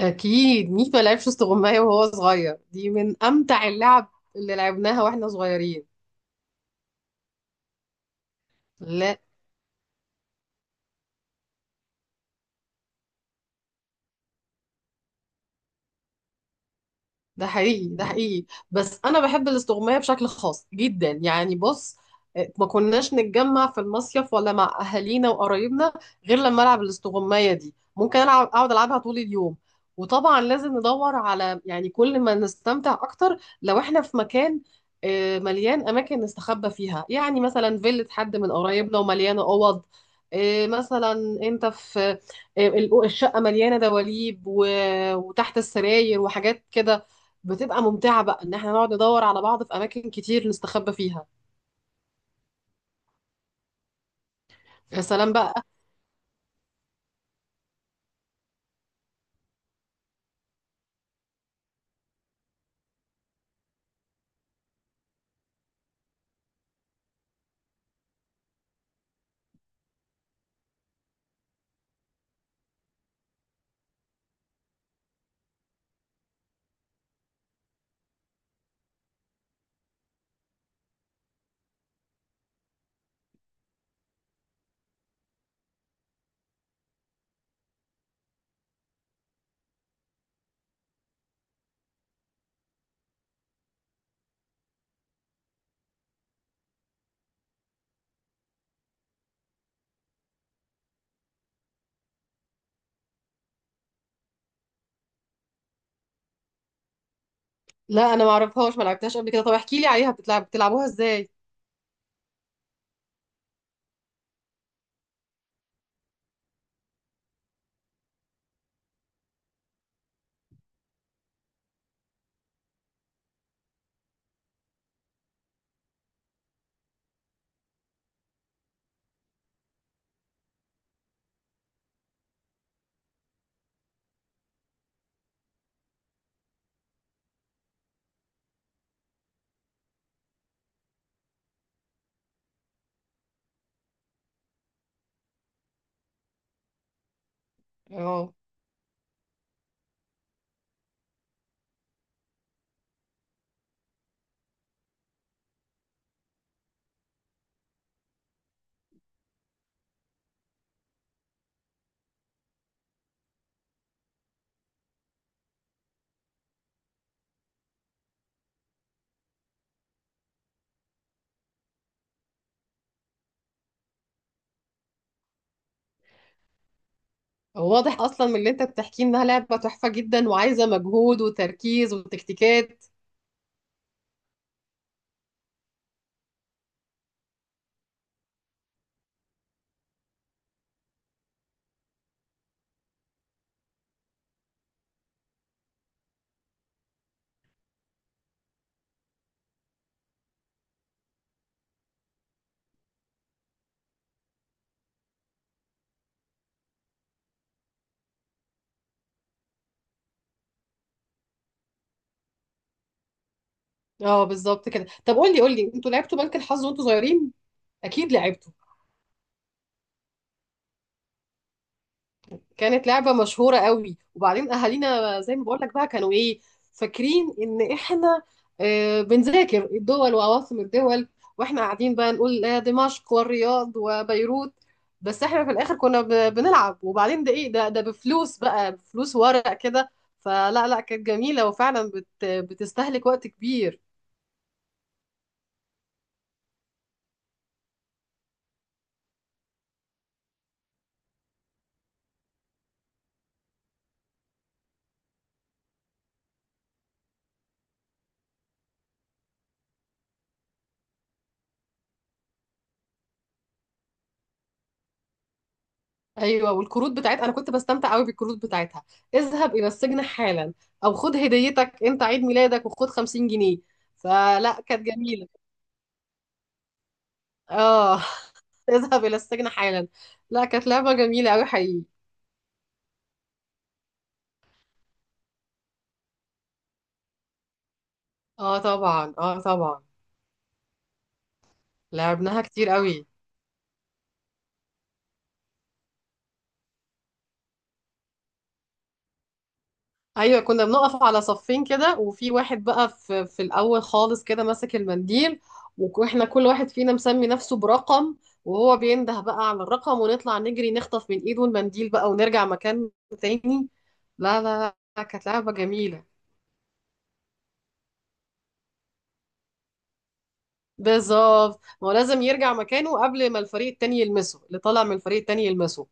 اكيد ميكو لعبش استغماية وهو صغير، دي من امتع اللعب اللي لعبناها واحنا صغيرين. لا، ده حقيقي ده حقيقي. بس انا بحب الاستغماية بشكل خاص جدا، يعني بص. ما كناش نتجمع في المصيف ولا مع اهالينا وقرايبنا غير لما العب الاستغماية دي، ممكن العب اقعد العبها طول اليوم. وطبعا لازم ندور على، يعني كل ما نستمتع اكتر لو احنا في مكان مليان اماكن نستخبى فيها، يعني مثلا فيلة حد من قرايبنا ومليانة اوض. مثلا انت في آه، الشقة مليانة دواليب و- وتحت السراير وحاجات كده، بتبقى ممتعة بقى ان احنا نقعد ندور على بعض في اماكن كتير نستخبى فيها. يا سلام بقى. لا، انا ما اعرفهاش، ما لعبتهاش قبل كده. طب احكي لي عليها، بتلعبوها ازاي؟ اه، واضح اصلا من اللي انت بتحكيه انها لعبة تحفة جدا وعايزة مجهود وتركيز وتكتيكات. اه بالظبط كده. طب قول لي قول لي، انتوا لعبتوا بنك الحظ وانتوا صغيرين؟ اكيد لعبتوا، كانت لعبة مشهورة قوي. وبعدين أهالينا زي ما بقولك بقى كانوا إيه، فاكرين إن إحنا بنذاكر الدول وعواصم الدول، وإحنا قاعدين بقى نقول دمشق والرياض وبيروت. بس إحنا في الآخر كنا بنلعب، وبعدين ده إيه، ده بفلوس بقى، بفلوس ورق كده. فلا لا، كانت جميلة وفعلا بتستهلك وقت كبير. ايوه، والكروت بتاعتها انا كنت بستمتع قوي بالكروت بتاعتها، اذهب الى السجن حالا، او خد هديتك انت عيد ميلادك وخد 50 جنيه. فلا، كانت جميله. اه. اذهب الى السجن حالا. لا، كانت لعبه جميله قوي حقيقي. اه طبعا، اه طبعا، لعبناها كتير قوي. ايوه، كنا بنقف على صفين كده، وفي واحد بقى في الاول خالص كده ماسك المنديل، واحنا كل واحد فينا مسمي نفسه برقم، وهو بينده بقى على الرقم، ونطلع نجري نخطف من ايده المنديل بقى ونرجع مكان تاني. لا، لا، لا، كانت لعبة جميلة. بالظبط، ما هو لازم يرجع مكانه قبل ما الفريق التاني يلمسه، اللي طالع من الفريق التاني يلمسه.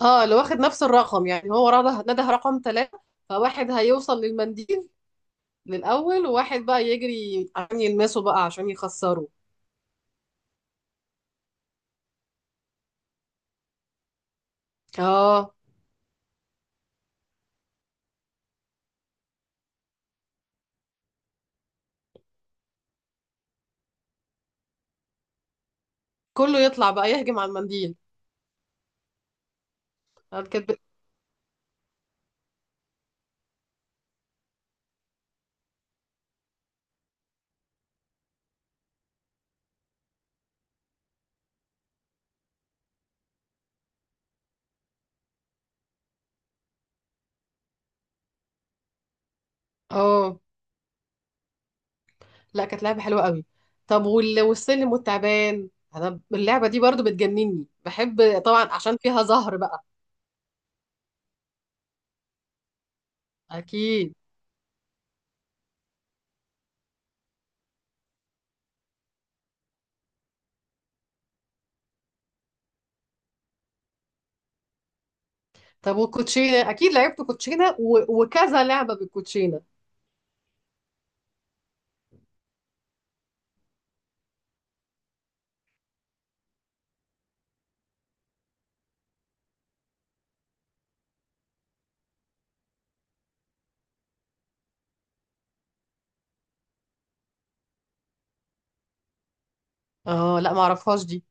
اه، اللي واخد نفس الرقم، يعني هو رده نده رقم ثلاثة، فواحد هيوصل للمنديل للأول، وواحد بقى يجري عشان يلمسه بقى عشان يخسره. اه، كله يطلع بقى يهجم على المنديل. آه، كانت ب- اه، لا، كانت لعبة حلوة قوي. طب وال- والسلم والتعبان، انا اللعبة دي برضو بتجنني، بحب طبعا عشان فيها زهر بقى. اكيد. طب والكوتشينة، اكيد لعبت كوتشينة و... وكذا لعبة بالكوتشينة. اه، لا، معرفهاش دي.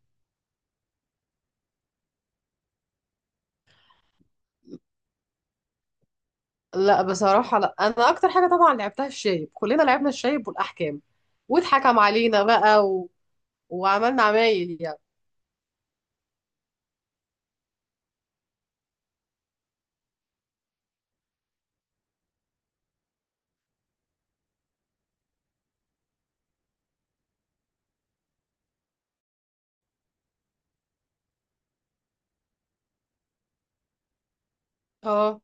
لا بصراحة لا، انا اكتر حاجة طبعا لعبتها الشايب، كلنا لعبنا الشايب والاحكام، واتحكم علينا بقى و... وعملنا عمايل يعني. اه،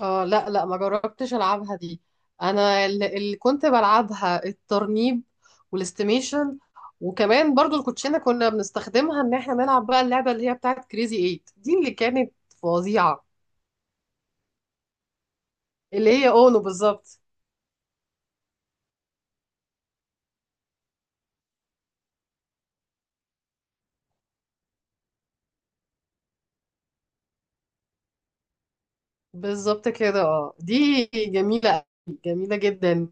اه، لا، لا، ما جربتش العبها دي. انا اللي كنت بلعبها الترنيب والاستيميشن، وكمان برضو الكوتشينه كنا بنستخدمها ان احنا نلعب بقى اللعبه اللي هي بتاعت كريزي ايت دي اللي كانت فظيعه، اللي هي اونو بالظبط. بالظبط كده، اه دي جميله أوي، جميله جدا.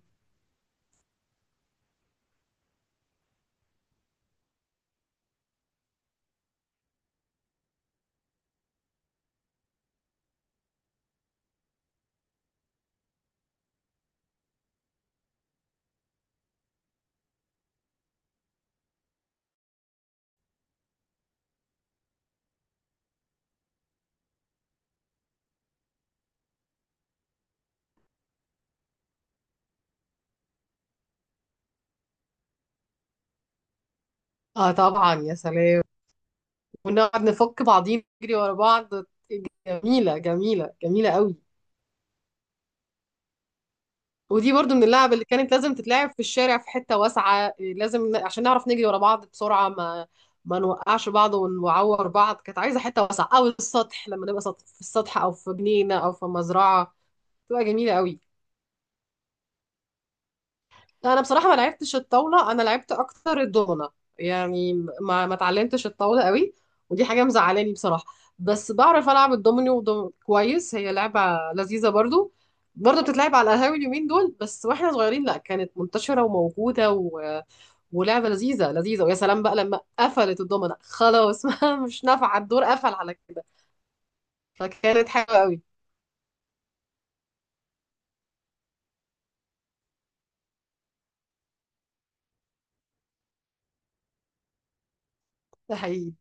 اه طبعا، يا سلام، ونقعد نفك بعضين نجري ورا بعض، جميله جميله جميله قوي. ودي برضو من اللعب اللي كانت لازم تتلعب في الشارع، في حتة واسعة، عشان نعرف نجري ورا بعض بسرعة، ما نوقعش بعض ونعور بعض. كانت عايزة حتة واسعة أو السطح، لما نبقى في السطح أو في جنينة أو في مزرعة، تبقى جميلة قوي. انا بصراحه ما لعبتش الطاوله، انا لعبت اكتر الدومنه، يعني ما اتعلمتش الطاوله قوي، ودي حاجه مزعلاني بصراحه. بس بعرف العب الدومينو كويس، هي لعبه لذيذه برضو، برضو بتتلعب على القهاوي اليومين دول، بس واحنا صغيرين لا كانت منتشره وموجوده ولعبه لذيذه لذيذه، ويا سلام بقى لما قفلت الدومنه خلاص. مش نافعه، الدور قفل على كده، فكانت حلوه قوي. ده حقيقي.